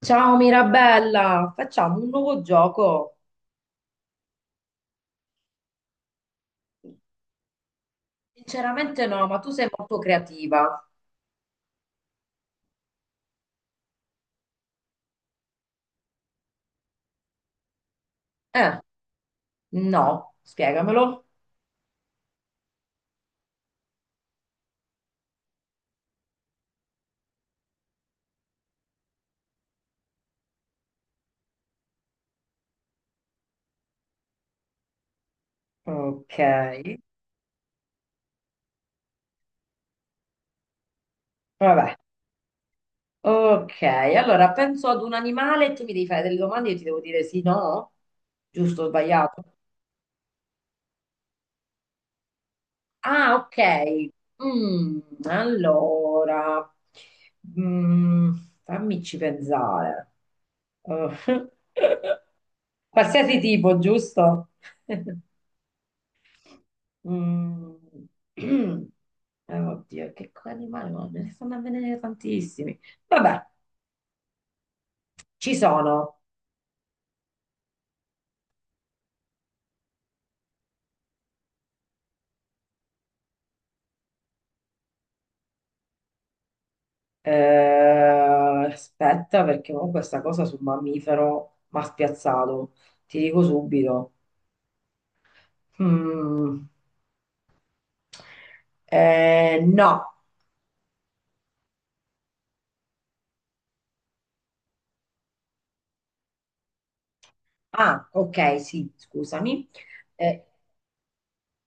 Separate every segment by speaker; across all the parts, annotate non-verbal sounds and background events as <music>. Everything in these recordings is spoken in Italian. Speaker 1: Ciao Mirabella, facciamo un nuovo gioco. Sinceramente no, ma tu sei molto creativa. Eh, no, spiegamelo. Ok, vabbè. Ok, allora penso ad un animale e tu mi devi fare delle domande e io ti devo dire sì, no? Giusto o sbagliato? Ah, ok. Mm, allora, mm, fammici pensare. Eh, <laughs> Qualsiasi tipo, giusto? Mm. <clears throat> Oddio, che animale, no, me ne stanno avvenendo tantissimi. Vabbè, ci sono. Aspetta, perché ho questa cosa sul mammifero mi ha spiazzato. Ti dico subito. Mm. No. Ah, ok, sì, scusami. Eh,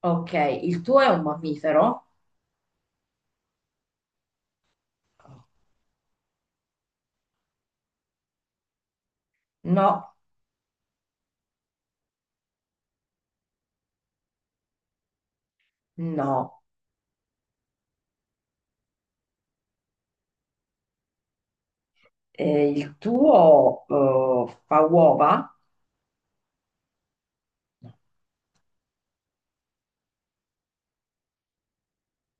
Speaker 1: ok, il tuo è un mammifero? No, no. Il tuo fa uova?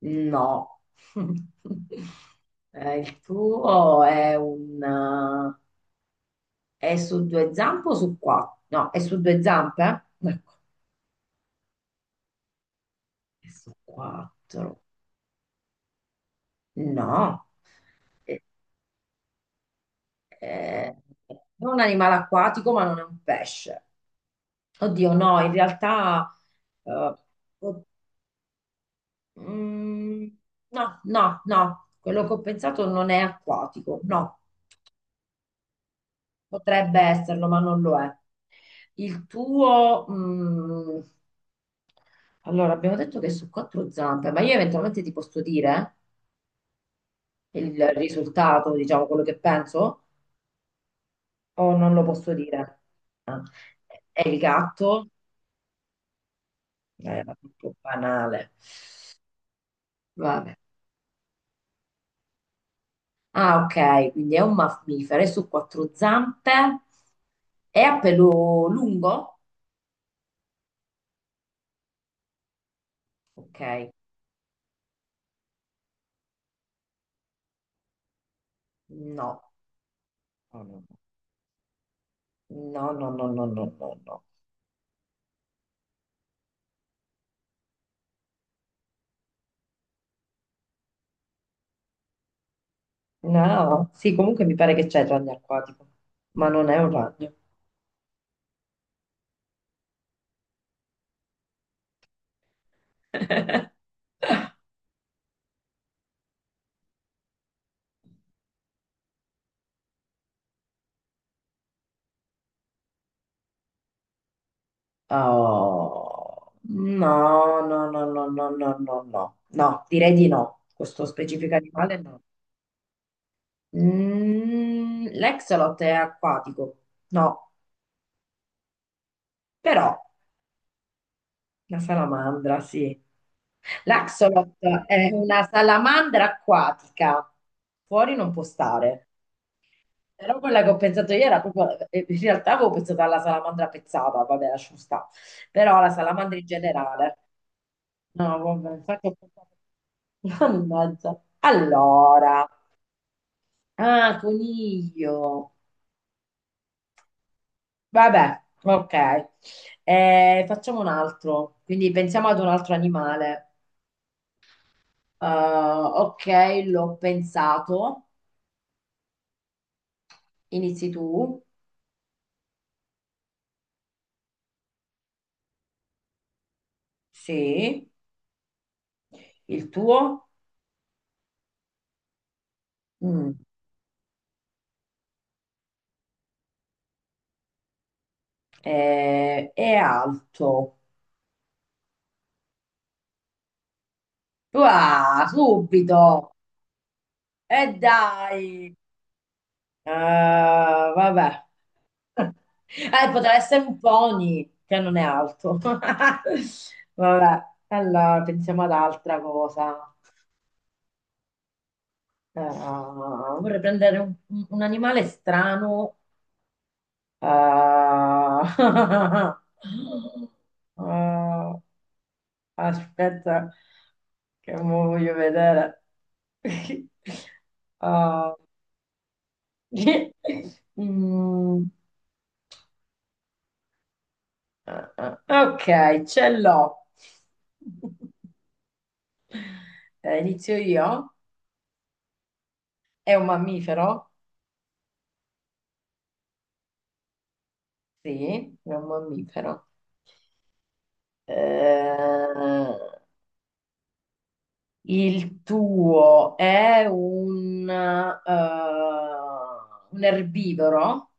Speaker 1: No. <laughs> Il tuo è su due zampe o su quattro? No, è su due zampe? Ecco, è su quattro. No. Eh, eh, è un animale acquatico, ma non è un pesce. Oddio, no, in realtà, eh, oh, mm, no, no, no. Quello che ho pensato non è acquatico, no. Potrebbe esserlo, ma non lo è. Il tuo, allora, abbiamo detto che è su quattro zampe, ma io eventualmente ti posso dire il risultato, diciamo, quello che penso, o non lo posso dire? Ah. È il gatto? È un po' banale. Vabbè. Ah, ok, quindi è un mammifero, è su quattro zampe, è a pelo lungo? Ok, no, no, no, no, no, no, no, no, no, no. No, sì, comunque mi pare che c'è il ragno acquatico, ma non è un ragno. <laughs> Oh, no, no, no, no, no, no, no, no, no, direi di no. Questo specifico animale no. L'exolot è acquatico, no, però la salamandra, sì. L'axolot è una salamandra acquatica, fuori non può stare. Però quella che ho pensato io era proprio, in realtà avevo pensato alla salamandra pezzata, vabbè, lasciamo stare, però alla salamandra in generale. No, vabbè, infatti ho pensato. <laughs> Mannaggia. Allora, ah, coniglio. Vabbè, ok. Facciamo un altro, quindi pensiamo ad un altro animale. Ok, l'ho pensato. Inizi tu. Sì, il tuo. Mm. È alto. Ah, subito! E dai! Ah, vabbè. <laughs> Potrà essere un pony, che non è alto. <laughs> Vabbè, allora pensiamo ad altra cosa. Ah, vorrei prendere un animale strano. Ah, <laughs> ah, aspetta, che mo voglio vedere. <laughs> Ah, <laughs> Mm, ah, ok, ce l'ho. Inizio io. È un mammifero? Sì, è un mammifero. Eh, il tuo è un erbivoro?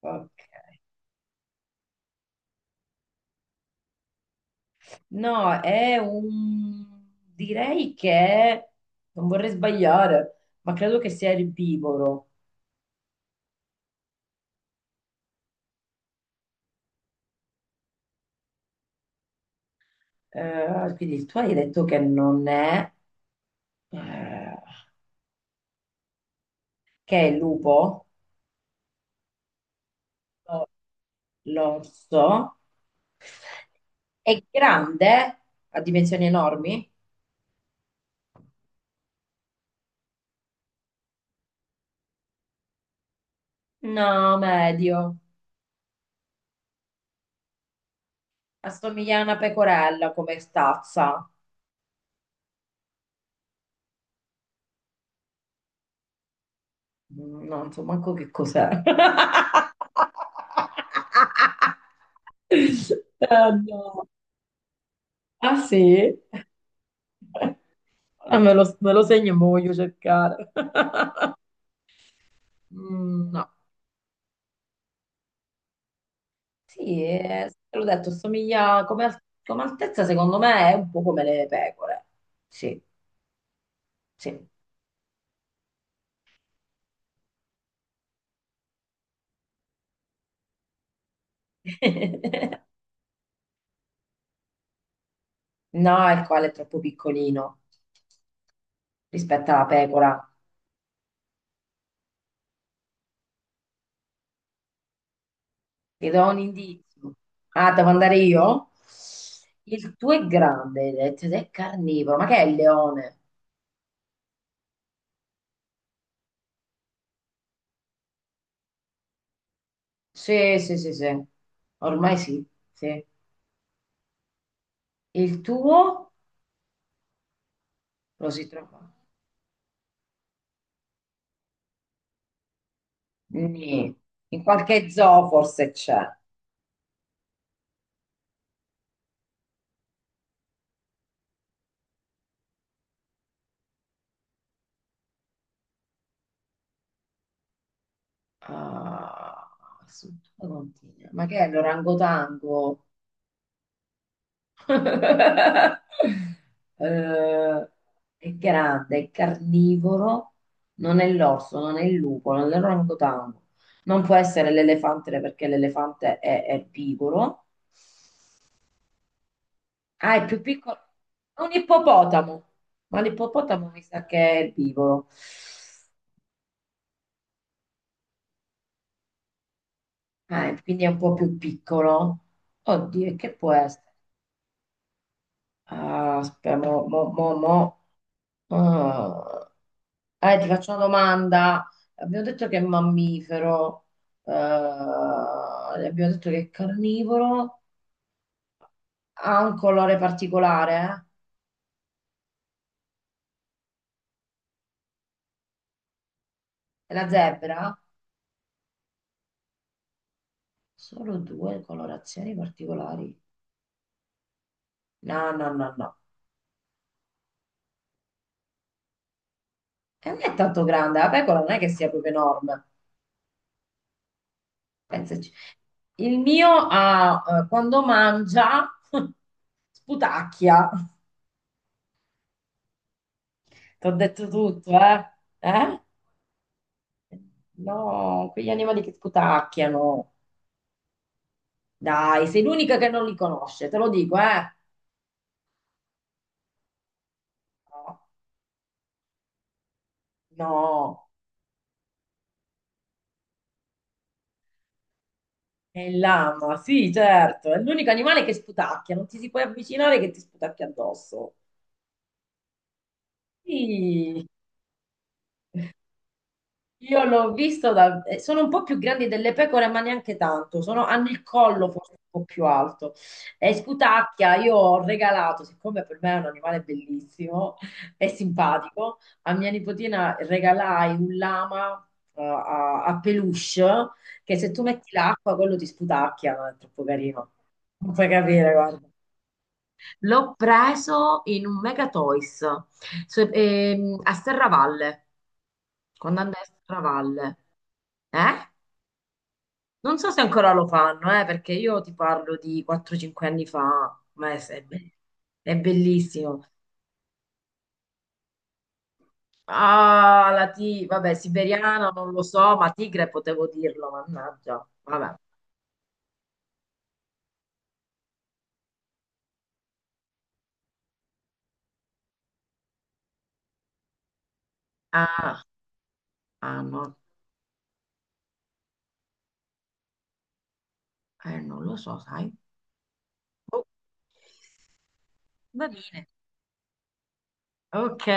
Speaker 1: Ok. No, è un, direi che, non vorrei sbagliare, ma credo che sia erbivoro. Quindi tu hai detto che non è, eh, che è il lupo, o l'orso, è grande, ha dimensioni enormi? No, medio, assomiglia a una pecorella come stazza. Non so manco che cos'è. <laughs> Ah, no. Ah, sì? Ah, me lo segno e me lo voglio cercare. <laughs> No. Sì, te l'ho detto, somiglia come, come altezza, secondo me è un po' come le pecore. Sì, sì. <laughs> No, il koala è troppo piccolino rispetto alla pecora. Ti do un indizio. Ah, devo andare io? Il tuo è grande, hai detto, ed è carnivoro. Ma che è il leone? Sì, sì, sì, sì. Ormai sì, sì. Il tuo lo si trova? Nì. In qualche zoo forse c'è. Ah, struttura continua. Ma che è l'orangotango? <laughs> Eh, è grande, è carnivoro, non è l'orso, non è il lupo, non è l'orangotango. Non può essere l'elefante perché l'elefante è erbivoro. Ah, è più piccolo. È un ippopotamo, ma l'ippopotamo mi sa che è erbivoro. Ah, e quindi è un po' più piccolo. Oddio, e che può essere? Ah, aspetta, mo, mo, mo, mo. Ah, ti faccio una domanda. Abbiamo detto che è mammifero, abbiamo detto che è carnivoro, ha un colore particolare, eh? È la zebra? Solo due colorazioni particolari. No, no, no, no. E non è tanto grande, la pecora non è che sia proprio enorme. Pensaci. Il mio ha, quando mangia, <laughs> sputacchia. Ti ho detto tutto, eh? Eh? No, quegli animali che sputacchiano. Dai, sei l'unica che non li conosce, te lo dico, eh? No, no, è il lama, sì, certo, è l'unico animale che sputacchia, non ti si puoi avvicinare che ti sputacchia addosso. Sì. Io l'ho visto, sono un po' più grandi delle pecore, ma neanche tanto, hanno il collo forse un po' più alto. E Scutacchia io ho regalato, siccome per me è un animale bellissimo e simpatico, a mia nipotina regalai un lama a peluche che se tu metti l'acqua quello ti sputacchia, no? È troppo carino. Non puoi capire, guarda. L'ho preso in un Mega Toys a Serravalle, quando andai a Serravalle. Eh? Non so se ancora lo fanno, perché io ti parlo di 4-5 anni fa, ma è bellissimo. Ah, vabbè, siberiana non lo so, ma tigre potevo dirlo, mannaggia. Vabbè. Ah, ah, no, non lo so, sai. Oh, va bene. Ok.